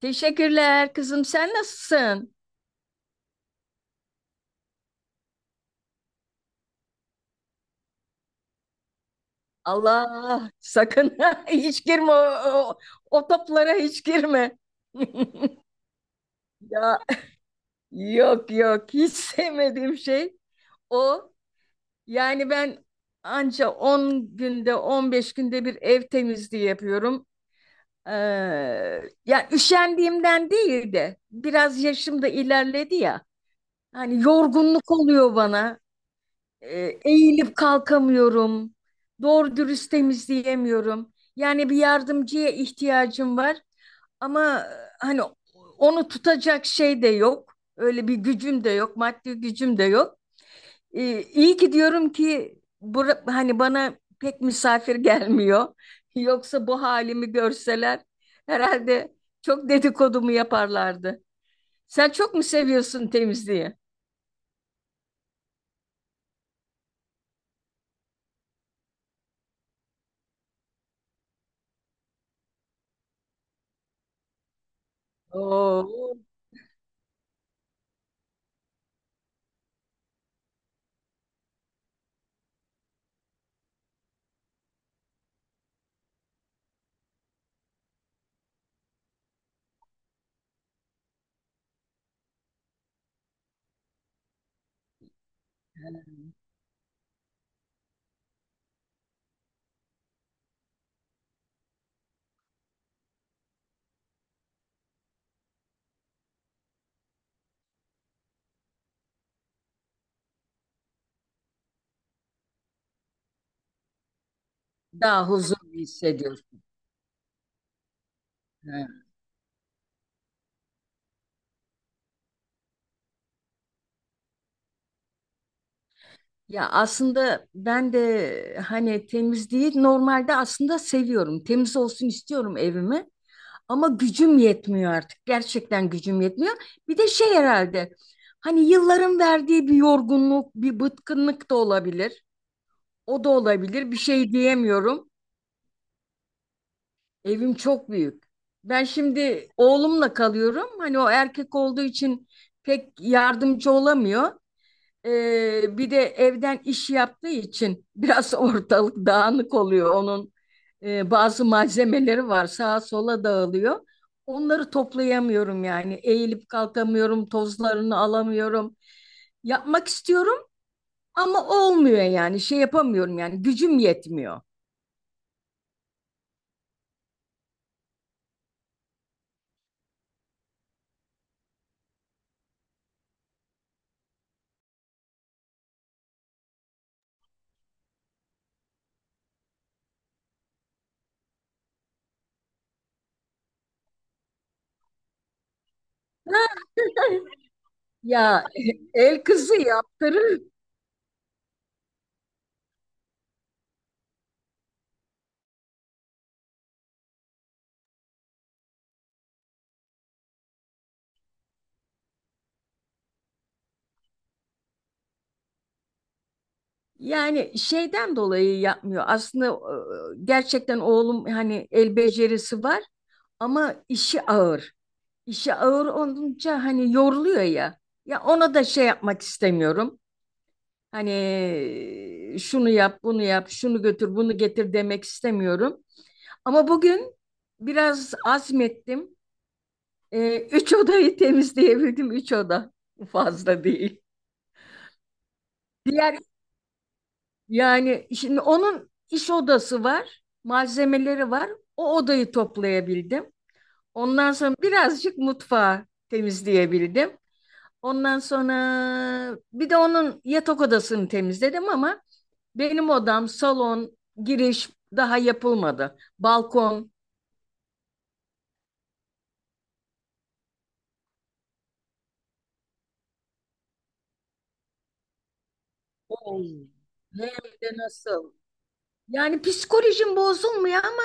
Teşekkürler kızım, sen nasılsın? Allah sakın hiç girme o, o toplara, hiç girme. Ya yok yok, hiç sevmediğim şey o. Yani ben anca 10 günde 15 günde bir ev temizliği yapıyorum. Ee, Ya üşendiğimden değil de biraz yaşım da ilerledi ya. Hani yorgunluk oluyor bana. Eğilip kalkamıyorum. Doğru dürüst temizleyemiyorum. Yani bir yardımcıya ihtiyacım var ama hani onu tutacak şey de yok. Öyle bir gücüm de yok, maddi gücüm de yok. E, iyi ki diyorum ki hani bana pek misafir gelmiyor. Yoksa bu halimi görseler herhalde çok dedikodumu yaparlardı. Sen çok mu seviyorsun temizliği? Oo, daha huzurlu hissediyorsun. Ha. Ya aslında ben de hani temizliği normalde aslında seviyorum. Temiz olsun istiyorum evimi. Ama gücüm yetmiyor artık. Gerçekten gücüm yetmiyor. Bir de şey herhalde hani yılların verdiği bir yorgunluk, bir bıkkınlık da olabilir. O da olabilir. Bir şey diyemiyorum. Evim çok büyük. Ben şimdi oğlumla kalıyorum. Hani o erkek olduğu için pek yardımcı olamıyor. Bir de evden iş yaptığı için biraz ortalık dağınık oluyor. Onun bazı malzemeleri var, sağa sola dağılıyor. Onları toplayamıyorum yani. Eğilip kalkamıyorum, tozlarını alamıyorum. Yapmak istiyorum ama olmuyor yani. Şey yapamıyorum, yani gücüm yetmiyor. Ya, el kızı yaptırır. Yani şeyden dolayı yapmıyor. Aslında gerçekten oğlum hani el becerisi var. Ama işi ağır. İşi ağır olunca hani yoruluyor ya. Ya ona da şey yapmak istemiyorum. Hani şunu yap, bunu yap, şunu götür, bunu getir demek istemiyorum. Ama bugün biraz azmettim. Üç odayı temizleyebildim. Üç oda fazla değil. Diğer Yani şimdi onun iş odası var, malzemeleri var. O odayı toplayabildim. Ondan sonra birazcık mutfağı temizleyebildim. Ondan sonra bir de onun yatak odasını temizledim ama benim odam, salon, giriş daha yapılmadı. Balkon. Oo. Hem de nasıl? Yani psikolojim bozulmuyor ama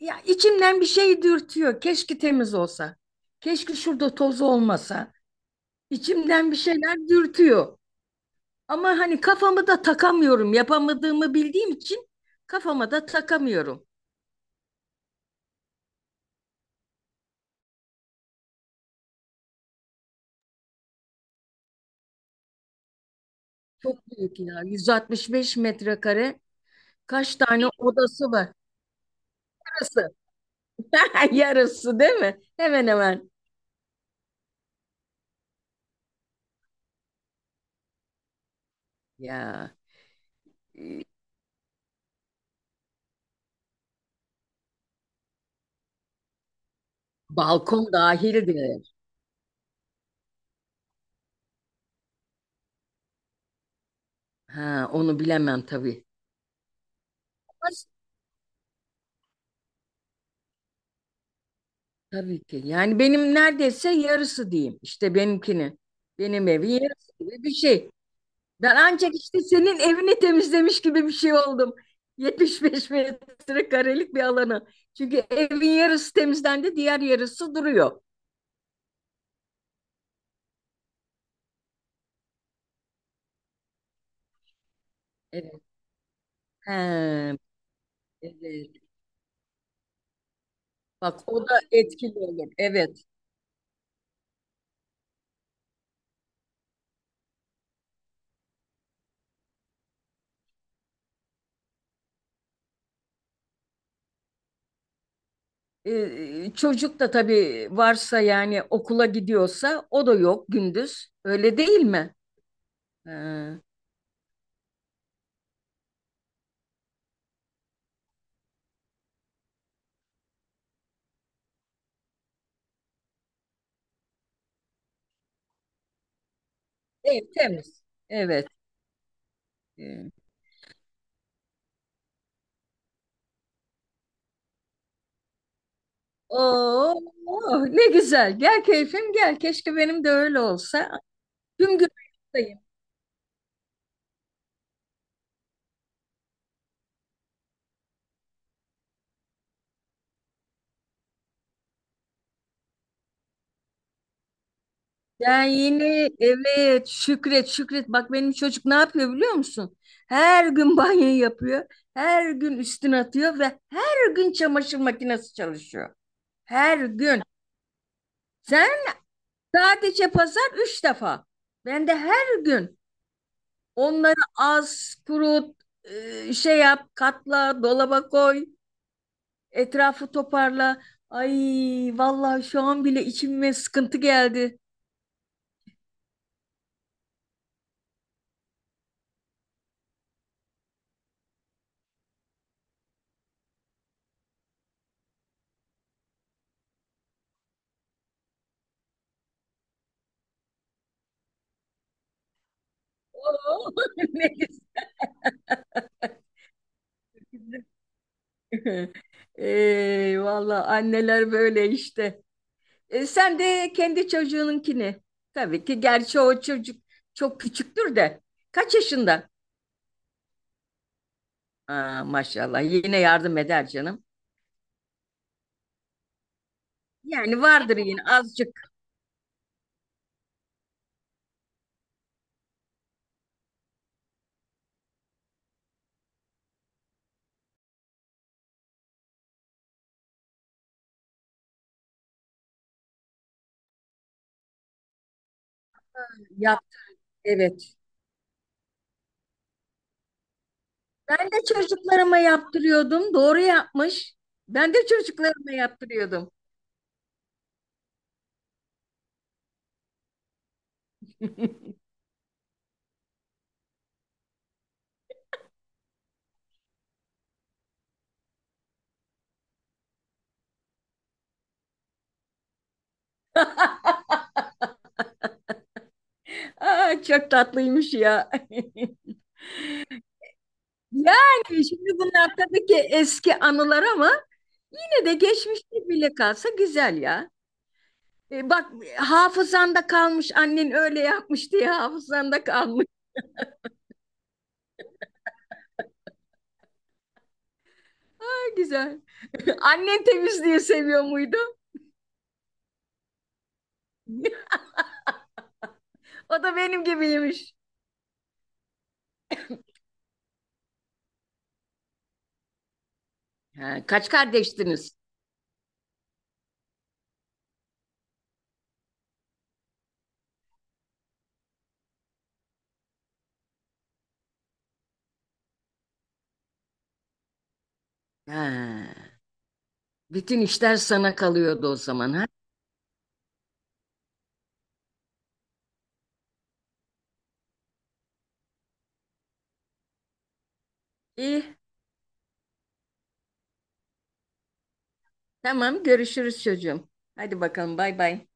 ya içimden bir şey dürtüyor. Keşke temiz olsa. Keşke şurada toz olmasa. İçimden bir şeyler dürtüyor. Ama hani kafamı da takamıyorum. Yapamadığımı bildiğim için kafama da takamıyorum. Çok büyük ya. 165 metrekare. Kaç tane odası var? Yarısı. Yarısı değil mi? Hemen hemen. Ya balkon dahildir. Ha, onu bilemem tabii. Ama tabii ki. Yani benim neredeyse yarısı diyeyim. İşte benimkini. Benim evi yarısı gibi bir şey. Ben ancak işte senin evini temizlemiş gibi bir şey oldum. 75 metrekarelik bir alanı. Çünkü evin yarısı temizlendi, diğer yarısı duruyor. Evet. He, evet. Bak, o da etkili olur. Evet. Çocuk da tabii varsa yani okula gidiyorsa o da yok gündüz. Öyle değil mi? Ee, ev temiz. Evet. Ee, oo, oh, ne güzel. Gel keyfim gel. Keşke benim de öyle olsa. Tüm gün ayaktayım. Ben yine evet, Şükret Şükret, bak benim çocuk ne yapıyor biliyor musun? Her gün banyo yapıyor. Her gün üstüne atıyor ve her gün çamaşır makinesi çalışıyor. Her gün. Sen? Sadece pazar üç defa. Ben de her gün onları az, kurut, şey yap, katla, dolaba koy, etrafı toparla. Ay, vallahi şu an bile içime sıkıntı geldi. Oo, ne güzel. Ey, valla anneler böyle işte. E, sen de kendi çocuğununkini. Tabii ki, gerçi o çocuk çok küçüktür de. Kaç yaşında? Aa, maşallah, yine yardım eder canım. Yani vardır yine azıcık yap. Evet. Ben de çocuklarıma yaptırıyordum. Doğru yapmış. Ben de çocuklarıma yaptırıyordum. Aa, çok tatlıymış ya. Yani şimdi bunlar tabii ki eski anılar ama ve geçmişte bile kalsa güzel ya. E, bak, hafızanda kalmış, annen öyle yapmış diye hafızanda kalmış. Ha, güzel. Annen temizliği seviyor muydu? O da benim gibiymiş. Ha, kaç kardeştiniz? Ha, bütün işler sana kalıyordu o zaman ha? İyi. Tamam, görüşürüz çocuğum. Hadi bakalım, bay bay.